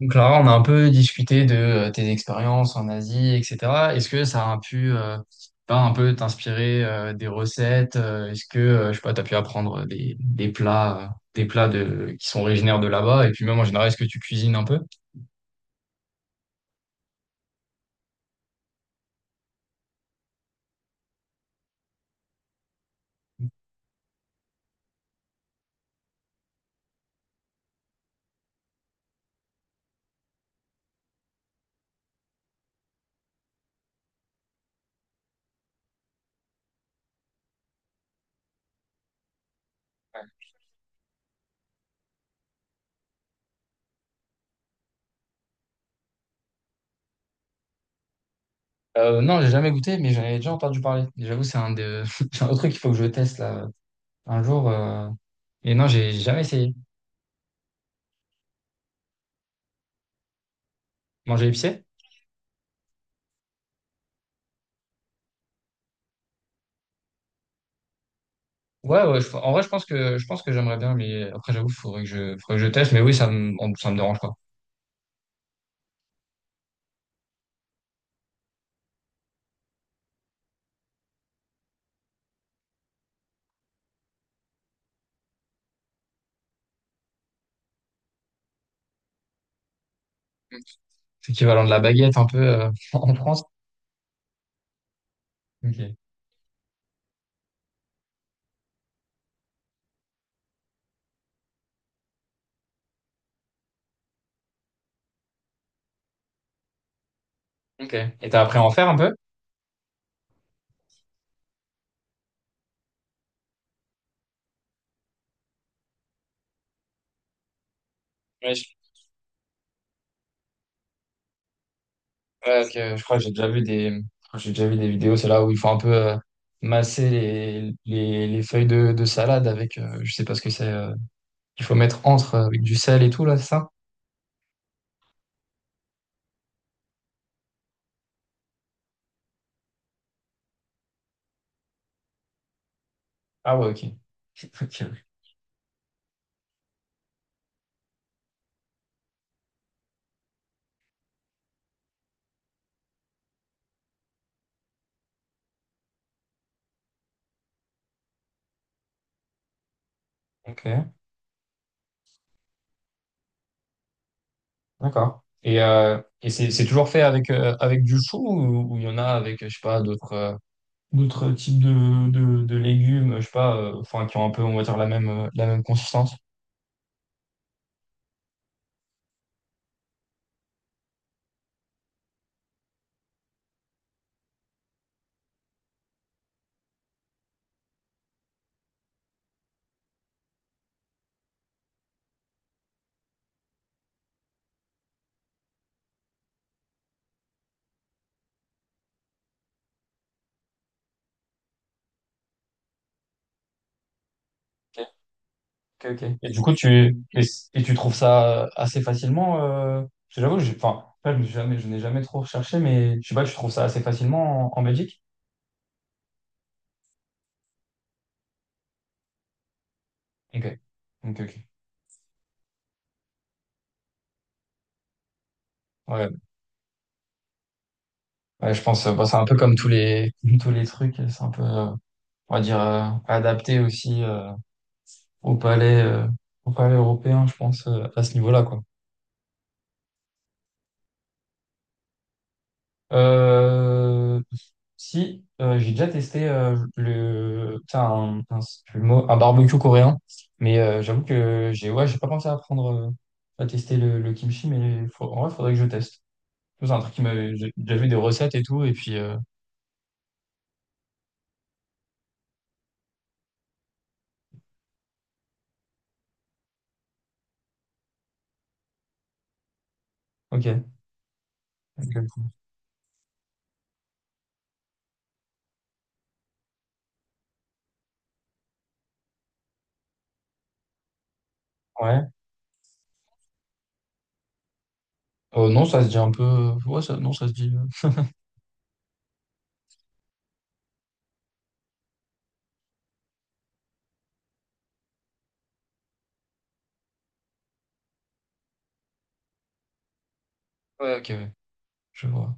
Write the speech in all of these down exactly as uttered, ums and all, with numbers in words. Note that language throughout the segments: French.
Donc Clara, on a un peu discuté de euh, tes expériences en Asie, et cetera. Est-ce que ça a pu euh, ben, un peu t'inspirer euh, des recettes? Euh, est-ce que euh, je sais pas, t'as pu apprendre des, des plats, euh, des plats de, qui sont originaires de là-bas? Et puis même en général, est-ce que tu cuisines un peu? Euh, non, j'ai jamais goûté, mais j'en ai déjà entendu parler. Et j'avoue, c'est un de... c'est un autre truc qu'il faut que je teste là un jour. euh, Et non, j'ai jamais essayé. Manger épicé? Ouais, ouais, je- en vrai, je pense que je pense que j'aimerais bien, mais après, j'avoue, il faudrait que je faudrait que je teste. Mais oui, ça me ça me dérange pas. C'est l'équivalent de la baguette un peu euh, en France. Ok. Ok. Et t'as appris à en faire un peu? Ouais, je, ouais, ok. Je crois que j'ai déjà vu des, j'ai déjà vu des vidéos, c'est là où il faut un peu euh, masser les, les, les feuilles de, de salade avec, euh, je sais pas ce que c'est, euh, qu'il faut mettre entre euh, avec du sel et tout là, c'est ça? Ah ouais, ok. Ok, ok, d'accord. Et, euh, et c'est c'est toujours fait avec, euh, avec du chou ou ou il y en a avec, je sais pas, d'autres euh, d'autres types de, de, de légumes, je sais pas, euh, enfin, qui ont un peu, on va dire, la même, euh, la même consistance? Ok, ok. ok. Et du coup, tu, et, et tu trouves ça euh, assez facilement, euh, parce que j'avoue, j'ai- enfin, là, je me suis jamais, je n'ai jamais trop recherché, mais je sais pas, tu trouves ça assez facilement en, en Belgique? Ok, ok, ok. Ouais, ouais, je pense, euh, bah, c'est un peu comme tous les, tous les trucs, c'est un peu, euh, on va dire, euh, adapté aussi euh, au palais, euh, au palais européen, je pense, euh, à ce niveau-là, quoi. Euh, Si, euh, j'ai déjà testé euh, le, putain, un, un- c'est plus le mot, un barbecue coréen, mais euh, j'avoue que j'ai ouais, j'ai pas pensé à prendre, euh, à tester le, le kimchi, mais faut, en vrai, faudrait que je teste. C'est un truc qui m'avait, J'ai déjà vu des recettes et tout, et puis, euh, ok. Ok. Ouais. Euh, non, ça se dit un peu, euh, ouais, ça, non, ça se dit. euh, Ouais, ok, ouais, je vois.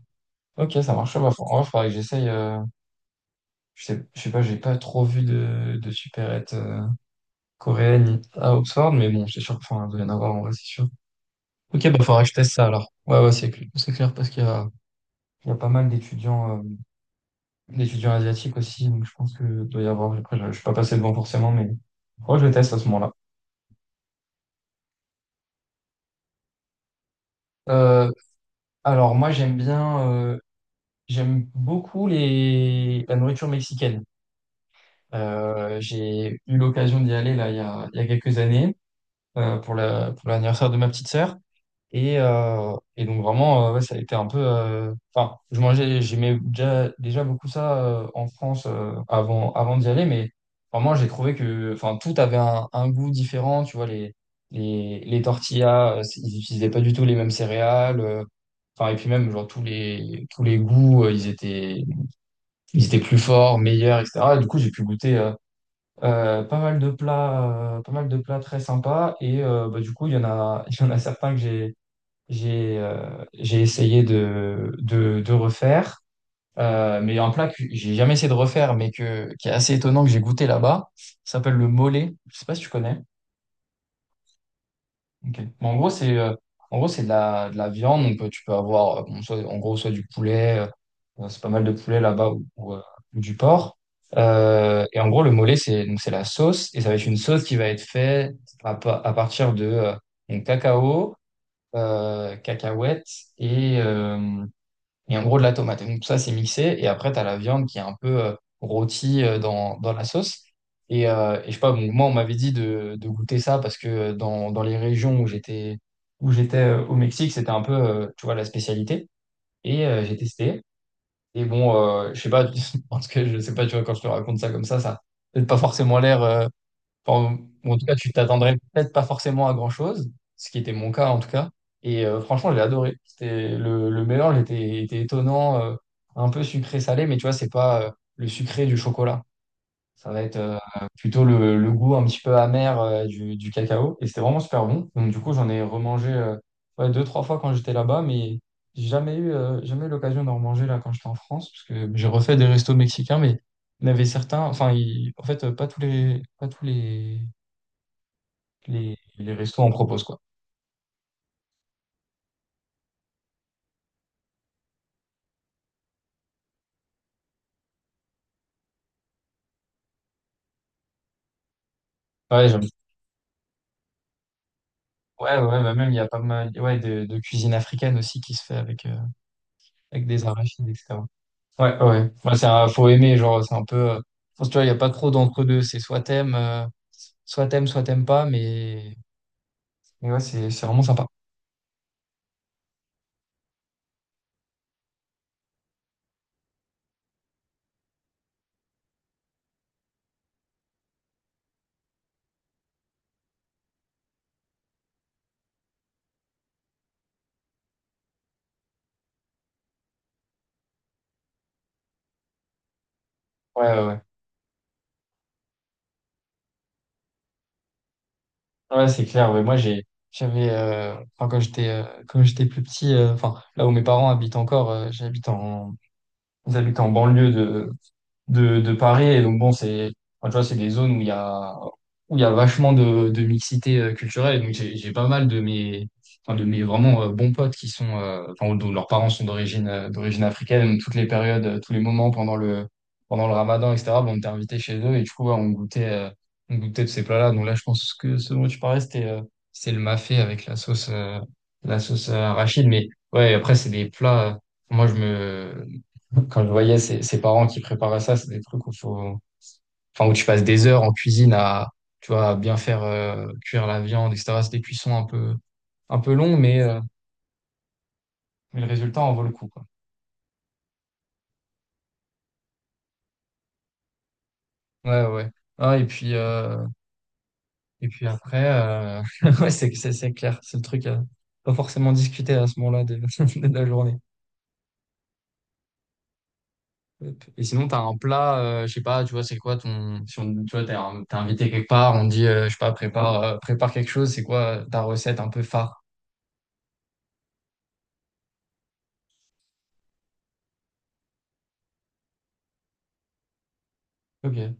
Ok, ça marche. Ouais, bah, faut- en vrai, faudrait que j'essaye. Euh, je sais, je sais pas, j'ai pas trop vu de, de supérettes euh, coréenne à Oxford, mais bon, c'est sûr qu'il doit y en avoir en vrai, c'est sûr. Ok, bah faudra que je teste ça alors. Ouais, ouais, c'est clair, c'est clair parce qu'il y a, il y a pas mal d'étudiants euh, d'étudiants asiatiques aussi, donc je pense que doit y avoir. Après, je ne suis pas passé devant forcément, mais ouais, je le teste à ce moment-là. Euh, alors moi, j'aime bien, euh, j'aime beaucoup les la nourriture mexicaine. Euh, j'ai eu l'occasion d'y aller là il y a, il y a quelques années euh, pour la pour l'anniversaire de ma petite sœur. Et, euh, et donc vraiment, euh, ouais, ça a été un peu... euh, Enfin, je mangeais, j'aimais déjà, déjà beaucoup ça euh, en France euh, avant, avant d'y aller, mais vraiment, j'ai trouvé que enfin, tout avait un, un goût différent. Tu vois, les, les, les tortillas, euh, c'est- ils n'utilisaient pas du tout les mêmes céréales. euh, Enfin, et puis même, genre, tous les, tous les goûts, euh, ils étaient, ils étaient plus forts, meilleurs, et cetera. Et du coup, j'ai pu goûter euh, euh, pas mal de plats, euh, pas mal de plats très sympas. Et euh, bah, du coup, il y en a, il y en a certains que j'ai j'ai euh, j'ai essayé de, de, de refaire, euh, mais un plat que j'ai jamais essayé de refaire, mais que, qui est assez étonnant que j'ai goûté là-bas, ça s'appelle le mollet. Je sais pas si tu connais. Ok. Mais en gros, c'est euh, en gros, c'est de la, de la viande. Donc, euh, tu peux avoir, euh, bon, soit- en gros, soit du poulet, euh, euh, c'est pas mal de poulet là-bas, ou, ou, euh, ou du porc. Euh, et en gros, le mollet, c'est donc c'est la sauce, et ça va être une sauce qui va être faite à, pa- à partir de euh, donc, cacao, euh, cacahuètes et... euh, et en gros de la tomate. Et donc tout ça, c'est mixé. Et après, tu as la viande qui est un peu euh, rôtie euh, dans, dans la sauce. Et, euh, et je sais pas, bon, moi, on m'avait dit de, de goûter ça parce que euh, dans, dans les régions où j'étais où j'étais euh, au Mexique, c'était un peu, euh, tu vois, la spécialité. Et euh, j'ai testé. Et bon, euh, je sais pas, parce que je sais pas, tu vois, quand je te raconte ça comme ça, ça n'a peut-être pas forcément l'air euh, enfin, ou en tout cas, tu t'attendrais peut-être pas forcément à grand-chose, ce qui était mon cas en tout cas. Et euh, franchement, j'ai adoré. C'était le, le mélange était, était étonnant, euh, un peu sucré-salé, mais tu vois, c'est pas euh, le sucré du chocolat. Ça va être euh, plutôt le, le goût un petit peu amer euh, du, du cacao. Et c'était vraiment super bon. Donc du coup, j'en ai remangé euh, ouais, deux, trois fois quand j'étais là-bas, mais j'ai jamais eu, euh, jamais eu l'occasion d'en remanger là quand j'étais en France, parce que j'ai refait des restos mexicains, mais il y en avait certains, enfin, il- en fait, euh, pas tous les, pas tous les les, les restos en proposent, quoi. Ouais, j'aime. Ouais, ouais, bah même il y a pas mal ouais, de, de cuisine africaine aussi qui se fait avec, euh, avec des arachides, et cetera. Ouais, ouais. Ouais, ouais, c'est un- faut aimer, genre, c'est un peu. Euh, je pense, tu vois, il n'y a pas trop d'entre-deux. C'est soit t'aimes, euh, soit t'aimes, soit t'aimes, pas, mais, mais ouais, c'est c'est vraiment sympa. Ouais, ouais, ouais. Ouais, c'est clair. Ouais, moi, j'ai, j'avais, euh, enfin, quand j'étais, euh, quand j'étais plus petit, euh, enfin, là où mes parents habitent encore, euh, j'habite en, j'habite en banlieue de, de, de Paris. Et donc, bon, c'est, enfin, tu vois, c'est des zones où il y a, où il y a vachement de, de mixité euh, culturelle. Et donc, j'ai, j'ai pas mal de mes, enfin, de mes vraiment euh, bons potes qui sont, euh, enfin, dont leurs parents sont d'origine, euh, d'origine africaine. Donc, toutes les périodes, euh, tous les moments pendant le, pendant le ramadan, et cetera, bon, on était invités chez eux. Et du coup, ouais, on goûtait, euh, on goûtait de ces plats-là. Donc, là, je pense que ce dont tu parlais, c'était, euh, c'est le mafé avec la sauce, euh, la sauce euh, arachide. Mais ouais, après, c'est des plats. euh, moi, je me, Quand je voyais ses, ses parents qui préparaient ça, c'est des trucs où faut, enfin, où tu passes des heures en cuisine à, tu vois, à bien faire euh, cuire la viande, et cetera. C'est des cuissons un peu, un peu longs, mais, euh, mais le résultat en vaut le coup, quoi. Ouais, ouais. Ah, et puis, euh, et puis après, euh, ouais, c'est, c'est, c'est clair. C'est le truc à pas forcément discuter à ce moment-là de, de la journée. Hop. Et sinon, t'as un plat, euh, je sais pas, tu vois, c'est quoi ton, si on, tu vois, t'es un- t'es invité quelque part, on te dit, euh, je sais pas, prépare, euh, prépare quelque chose, c'est quoi euh, ta recette un peu phare? Ok,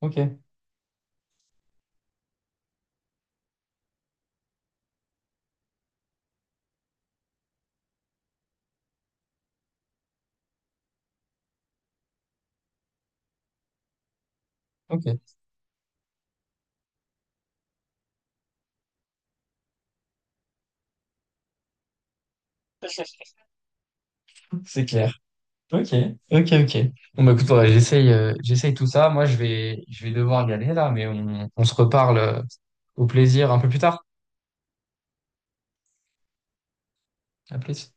ok. Ok. C'est clair. Ok, ok, ok. Bon, bah écoute, ouais, j'essaye euh, j'essaye tout ça. Moi, je vais, je vais devoir y aller là, mais on, on se reparle euh, au plaisir un peu plus tard. À plus.